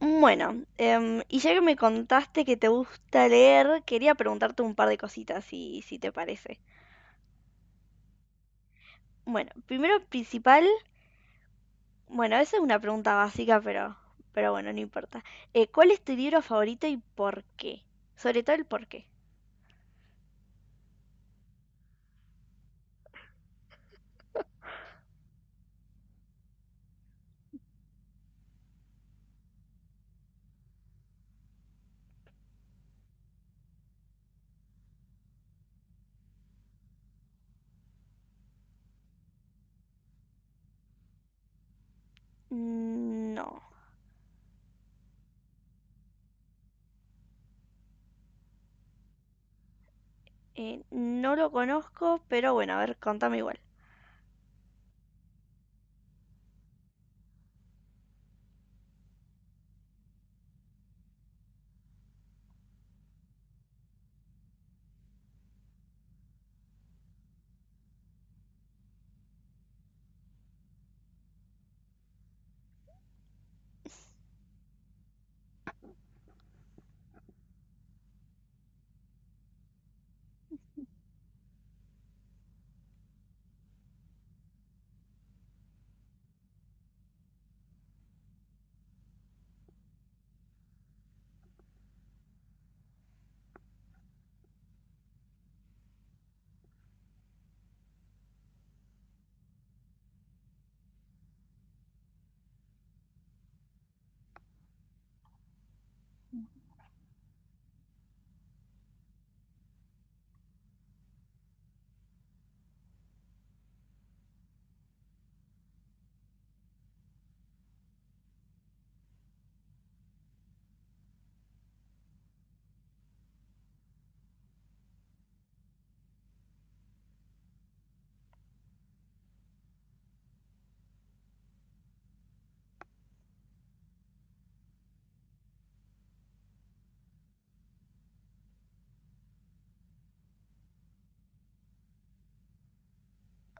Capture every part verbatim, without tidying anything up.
Bueno, em, y ya que me contaste que te gusta leer, quería preguntarte un par de cositas, si, si te parece. Bueno, primero principal, bueno, esa es una pregunta básica, pero, pero bueno, no importa. Eh, ¿cuál es tu libro favorito y por qué? Sobre todo el por qué. Mm, no, eh, no lo conozco, pero bueno, a ver, contame igual.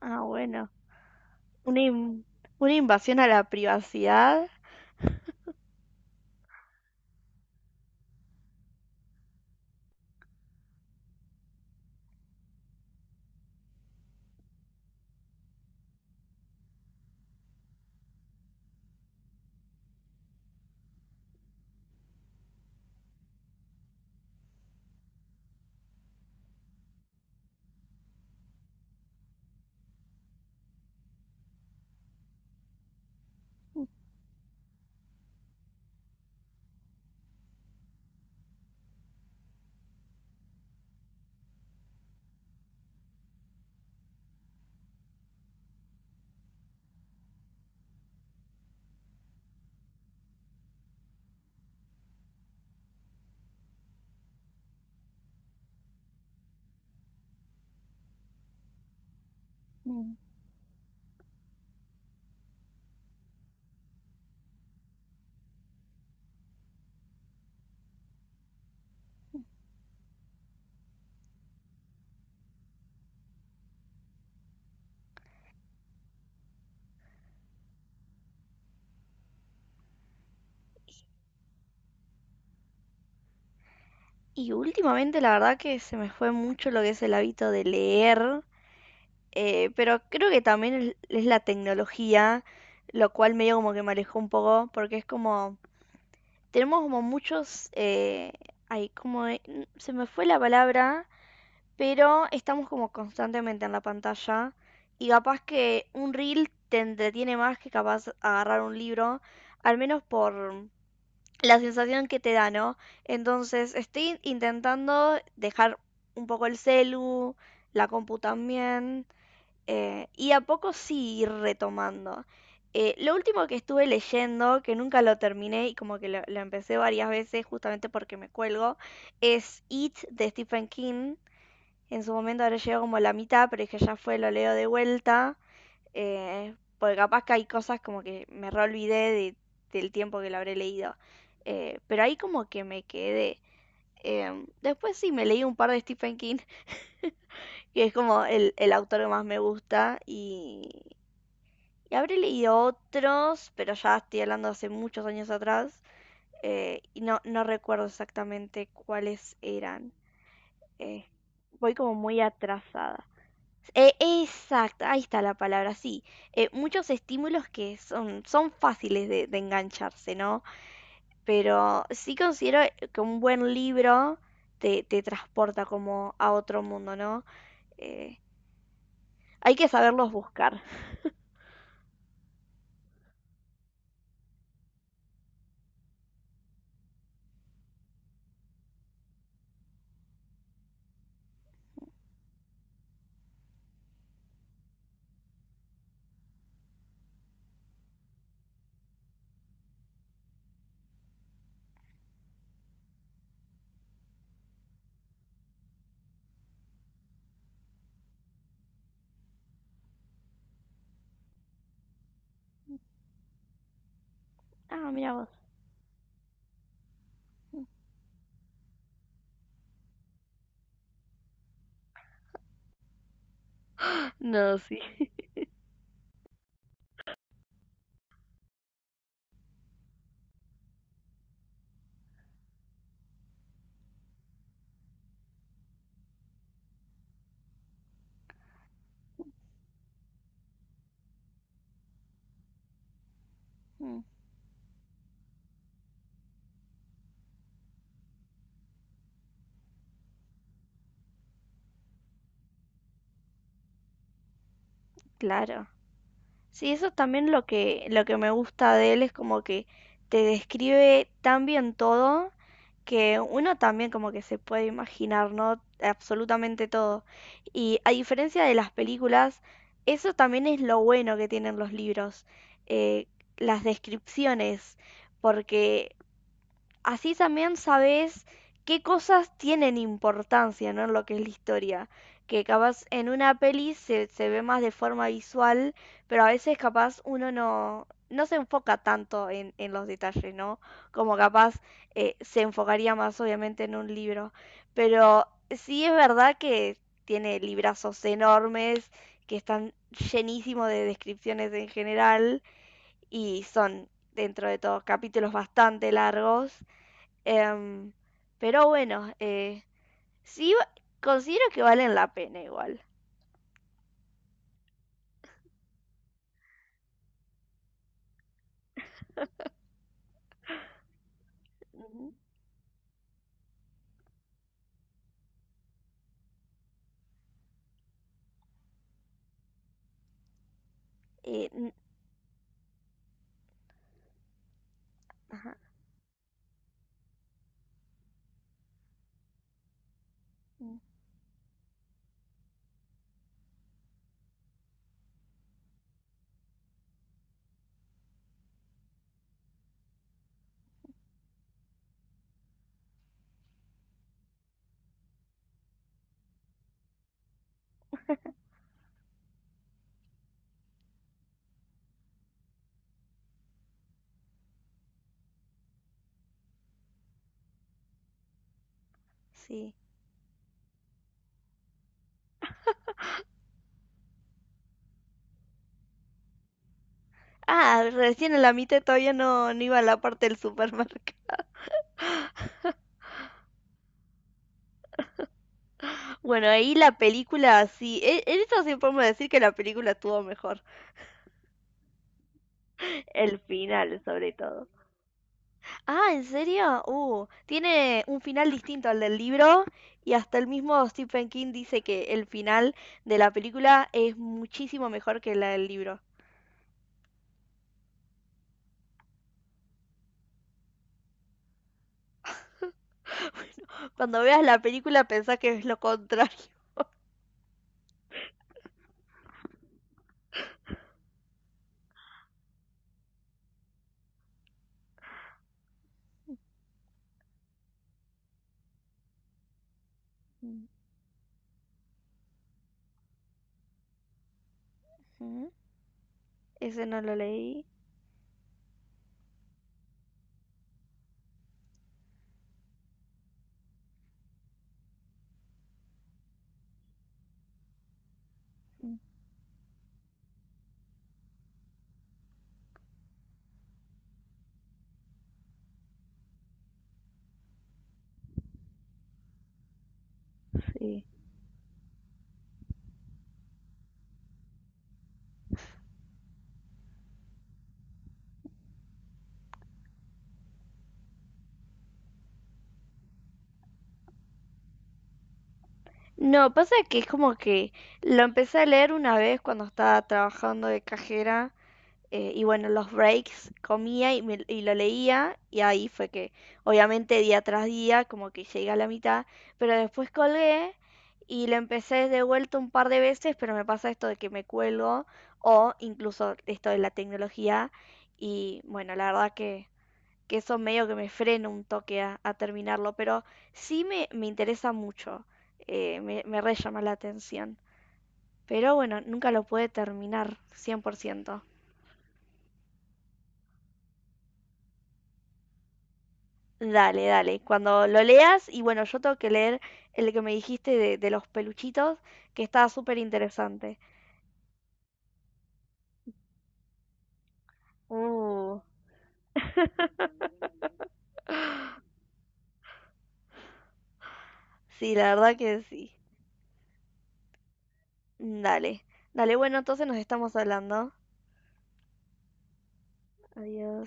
Ah, bueno, una, in- una invasión a la privacidad. Mm. Y últimamente la verdad que se me fue mucho lo que es el hábito de leer. Eh, pero creo que también es, es la tecnología, lo cual medio como que me alejó un poco, porque es como, tenemos como muchos, eh, ay, como, e- n- se me fue la palabra, pero estamos como constantemente en la pantalla y capaz que un reel te entretiene más que capaz agarrar un libro, al menos por la sensación que te da, ¿no? Entonces estoy intentando dejar un poco el celu, la compu también eh, y a poco sí ir retomando. Eh, lo último que estuve leyendo, que nunca lo terminé y como que lo, lo empecé varias veces justamente porque me cuelgo, es It de Stephen King. En su momento ahora llegó como a la mitad, pero es que ya fue, lo leo de vuelta. eh, porque capaz que hay cosas como que me reolvidé de- del tiempo que lo habré leído. Eh, pero ahí como que me quedé. Em, después sí me leí un par de Stephen King, que es como el, el autor que más me gusta y, y habré leído otros, pero ya estoy hablando hace muchos años atrás eh, y no, no recuerdo exactamente cuáles eran. Eh, voy como muy atrasada. Eh, exacto, ahí está la palabra, sí. Eh, muchos estímulos que son, son fáciles de, de engancharse, ¿no? Pero sí considero que un buen libro te, te transporta como a otro mundo, ¿no? Eh, hay que saberlos buscar. Ah, mira vos. No, sí. Claro. Sí, eso también lo que, lo que me gusta de él es como que te describe tan bien todo que uno también como que se puede imaginar, ¿no? Absolutamente todo. Y a diferencia de las películas, eso también es lo bueno que tienen los libros, eh, las descripciones, porque así también sabes qué cosas tienen importancia, ¿no? En lo que es la historia. Que capaz en una peli se, se ve más de forma visual, pero a veces capaz uno no, no se enfoca tanto en, en los detalles, ¿no? Como capaz eh, se enfocaría más obviamente en un libro. Pero sí es verdad que tiene librazos enormes, que están llenísimos de descripciones en general y son dentro de todo capítulos bastante largos. Em, pero bueno, eh, sí, va- considero que valen la pena igual. Ujú. Eh, n- ajá, mm, sí. Ah, recién en la mitad todavía no, no iba a la parte del supermercado. Bueno, ahí la película, sí. e- En eso sí podemos decir que la película estuvo mejor. El final, sobre todo. Ah, ¿en serio? Uh, tiene un final distinto al del libro y hasta el mismo Stephen King dice que el final de la película es muchísimo mejor que la del libro. Cuando veas la película pensá que es lo contrario. Uh-huh. Ese no lo leí. Sí. No, pasa que es como que lo empecé a leer una vez cuando estaba trabajando de cajera eh, y bueno, los breaks comía y, me- y lo leía y ahí fue que obviamente día tras día como que llegué a la mitad, pero después colgué y lo empecé de vuelta un par de veces, pero me pasa esto de que me cuelgo o incluso esto de la tecnología y bueno, la verdad que que eso medio que me frena un toque a, a terminarlo, pero sí me, me interesa mucho, eh, me, me re llama la atención. Pero bueno, nunca lo pude terminar cien por ciento. Dale, dale, cuando lo leas, y bueno, yo tengo que leer el que me dijiste de, de los peluchitos, que estaba súper interesante. Uh, sí, la verdad que sí. Dale, dale, bueno, entonces nos estamos hablando. Adiós.